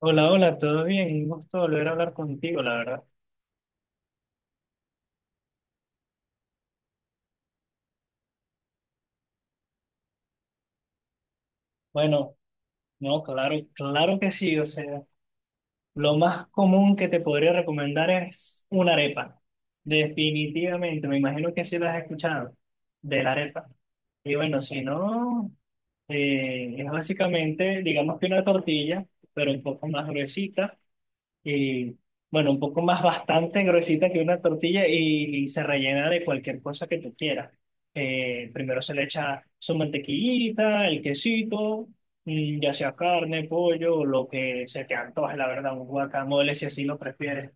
Hola, hola, ¿todo bien? Un gusto volver a hablar contigo, la verdad. Bueno, no, claro, claro que sí, o sea, lo más común que te podría recomendar es una arepa. Definitivamente, me imagino que sí lo has escuchado, de la arepa. Y bueno, si no, es básicamente, digamos que una tortilla, pero un poco más gruesita. Y bueno, un poco más bastante gruesita que una tortilla y se rellena de cualquier cosa que tú quieras. Primero se le echa su mantequillita, el quesito, ya sea carne, pollo, o lo que se te antoje, la verdad, un guacamole si así lo prefieres.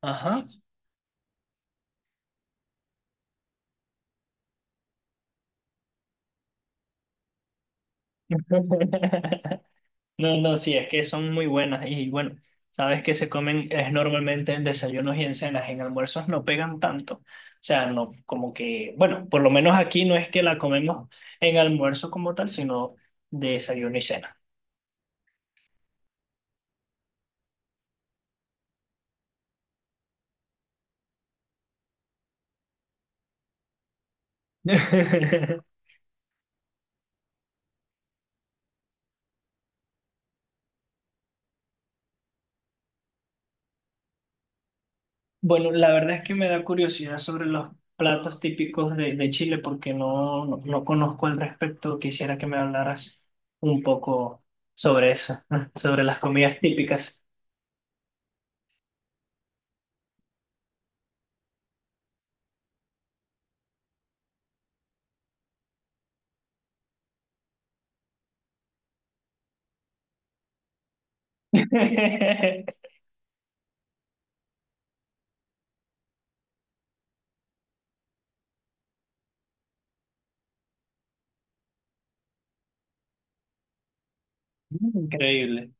Ajá. No, no, sí, es que son muy buenas y bueno, sabes que se comen es normalmente en desayunos y en cenas, en almuerzos no pegan tanto. O sea, no, como que, bueno, por lo menos aquí no es que la comemos en almuerzo como tal, sino de desayuno y cena. Bueno, la verdad es que me da curiosidad sobre los platos típicos de Chile porque no, no, no conozco al respecto. Quisiera que me hablaras un poco sobre eso, sobre las comidas típicas. Increíble.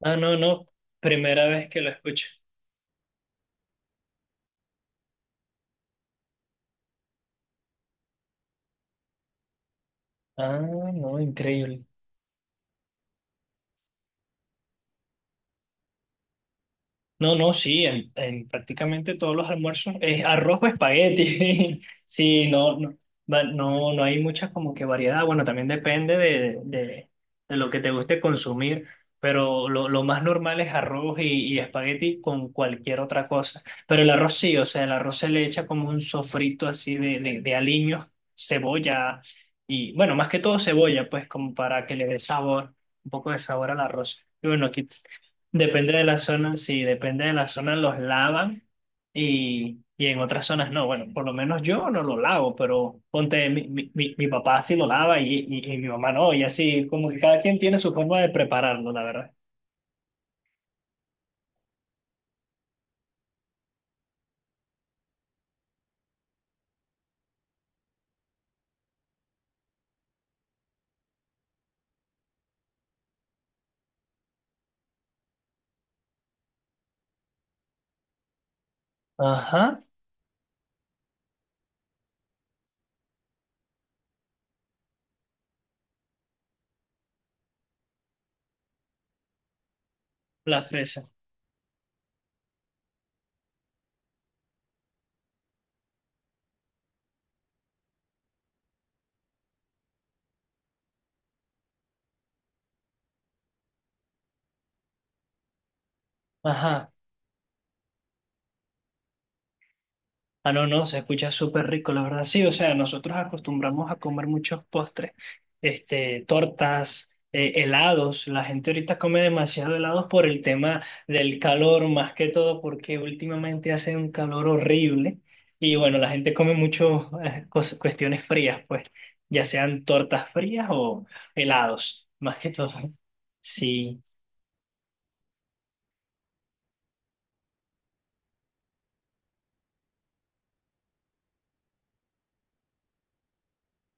Ah, no, no. Primera vez que lo escucho. Ah, no, increíble. No, no, sí, en prácticamente todos los almuerzos es arroz o espagueti. Sí, no, no, no, no hay mucha como que variedad. Bueno, también depende de lo que te guste consumir, pero lo más normal es arroz y espagueti con cualquier otra cosa. Pero el arroz sí, o sea, el arroz se le echa como un sofrito así de aliños, cebolla y, bueno, más que todo cebolla, pues como para que le dé sabor, un poco de sabor al arroz. Y bueno, aquí depende de la zona, sí, depende de la zona los lavan y en otras zonas no. Bueno, por lo menos yo no lo lavo, pero ponte, mi papá sí lo lava y mi mamá no, y así como que cada quien tiene su forma de prepararlo, la verdad. Ajá, la fresa. Ajá. Ah, no, no, se escucha súper rico, la verdad. Sí, o sea, nosotros acostumbramos a comer muchos postres, este, tortas, helados. La gente ahorita come demasiado helados por el tema del calor, más que todo porque últimamente hace un calor horrible. Y bueno, la gente come mucho, cuestiones frías, pues, ya sean tortas frías o helados, más que todo. Sí.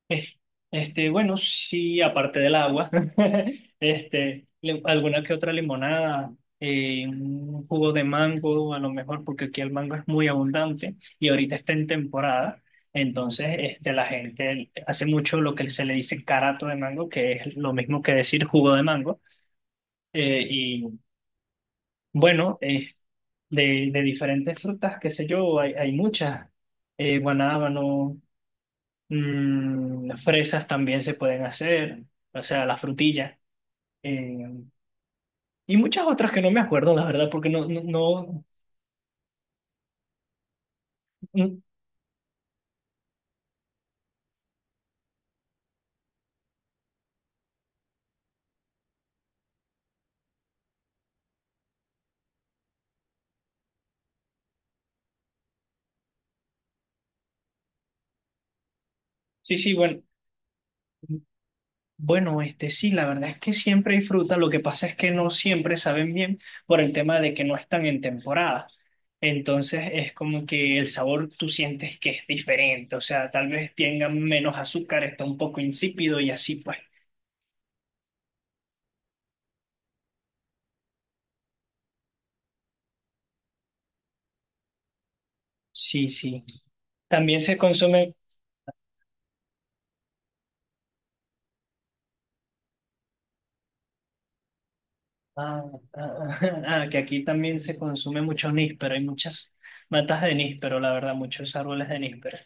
Es- Este, bueno, sí, aparte del agua, este, alguna que otra limonada, un jugo de mango, a lo mejor, porque aquí el mango es muy abundante y ahorita está en temporada. Entonces, este, la gente hace mucho lo que se le dice carato de mango, que es lo mismo que decir jugo de mango. Y bueno, de diferentes frutas, qué sé yo, hay muchas. Guanábano, mm, las fresas también se pueden hacer, o sea, la frutilla. eh, y muchas otras que no me acuerdo, la verdad, porque mm, sí, sí, bueno, bueno, este sí, la verdad es que siempre hay fruta, lo que pasa es que no siempre saben bien por el tema de que no están en temporada. Entonces es como que el sabor tú sientes que es diferente, o sea, tal vez tengan menos azúcar, está un poco insípido y así pues. Sí, sí. También se consumen. Ah, ah, ah, que aquí también se consume mucho níspero, hay muchas matas de níspero, la verdad, muchos árboles de níspero.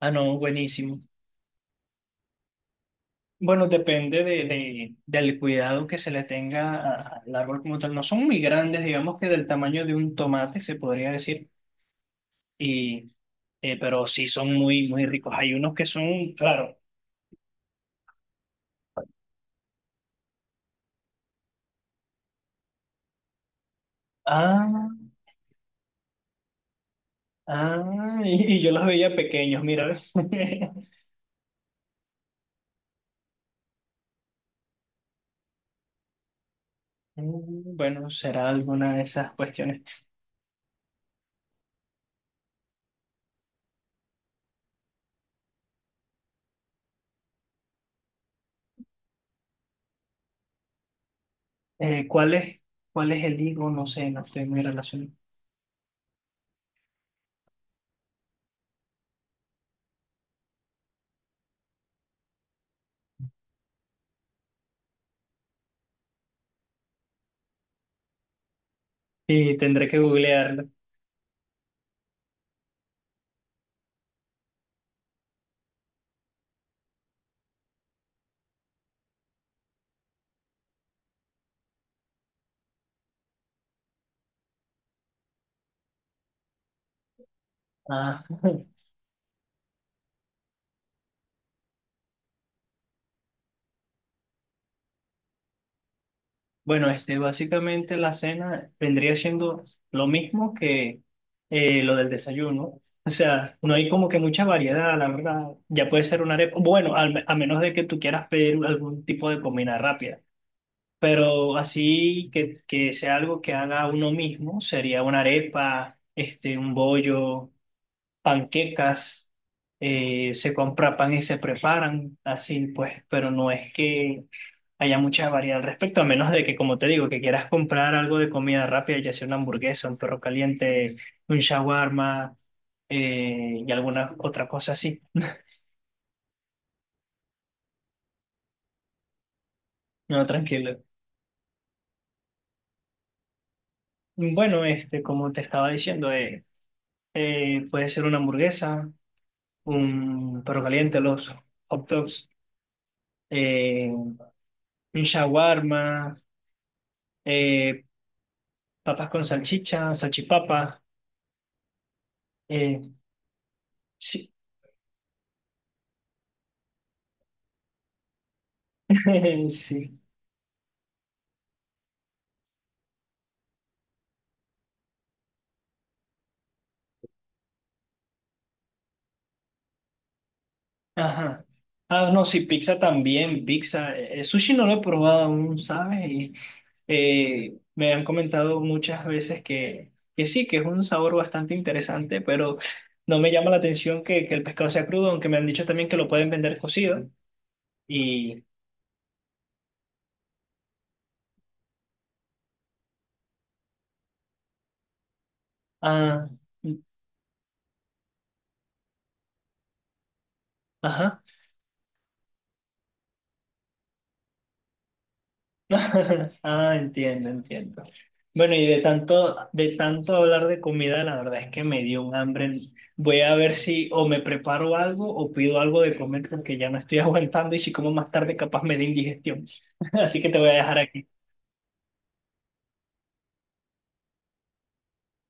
Ah, no, buenísimo. Bueno, depende del cuidado que se le tenga al árbol como tal. No son muy grandes, digamos que del tamaño de un tomate, se podría decir, y, pero sí son muy, muy ricos. Hay unos que son, claro. Ah, ah, y yo los veía pequeños, mira. Mm, bueno, será alguna de esas cuestiones. Eh, ¿cuál es, cuál es el higo? No sé, no estoy muy relacionado. Sí, tendré que googlearlo. Ah, bueno, este, básicamente la cena vendría siendo lo mismo que lo del desayuno. O sea, no hay como que mucha variedad, la verdad. Ya puede ser una arepa. Bueno, a menos de que tú quieras pedir algún tipo de comida rápida. Pero así que sea algo que haga uno mismo, sería una arepa, este, un bollo. Panquecas, se compra pan y se preparan así, pues, pero no es que haya mucha variedad al respecto, a menos de que, como te digo, que quieras comprar algo de comida rápida, ya sea una hamburguesa, un perro caliente, un shawarma, y alguna otra cosa así. No, tranquilo. Bueno, este, como te estaba diciendo, puede ser una hamburguesa, un perro caliente, los hot dogs, un shawarma, eh, papas con salchicha, salchipapa. eh, sí. Sí. Ajá. Ah, no, sí, pizza también, pizza. Sushi no lo he probado aún, ¿sabes? Y, me han comentado muchas veces que sí, que es un sabor bastante interesante, pero no me llama la atención que el pescado sea crudo, aunque me han dicho también que lo pueden vender cocido. Y, ah, ajá. Ah, entiendo, entiendo. Bueno, y de tanto hablar de comida, la verdad es que me dio un hambre. Voy a ver si o me preparo algo o pido algo de comer porque ya no estoy aguantando y si como más tarde capaz me da indigestión. Así que te voy a dejar aquí.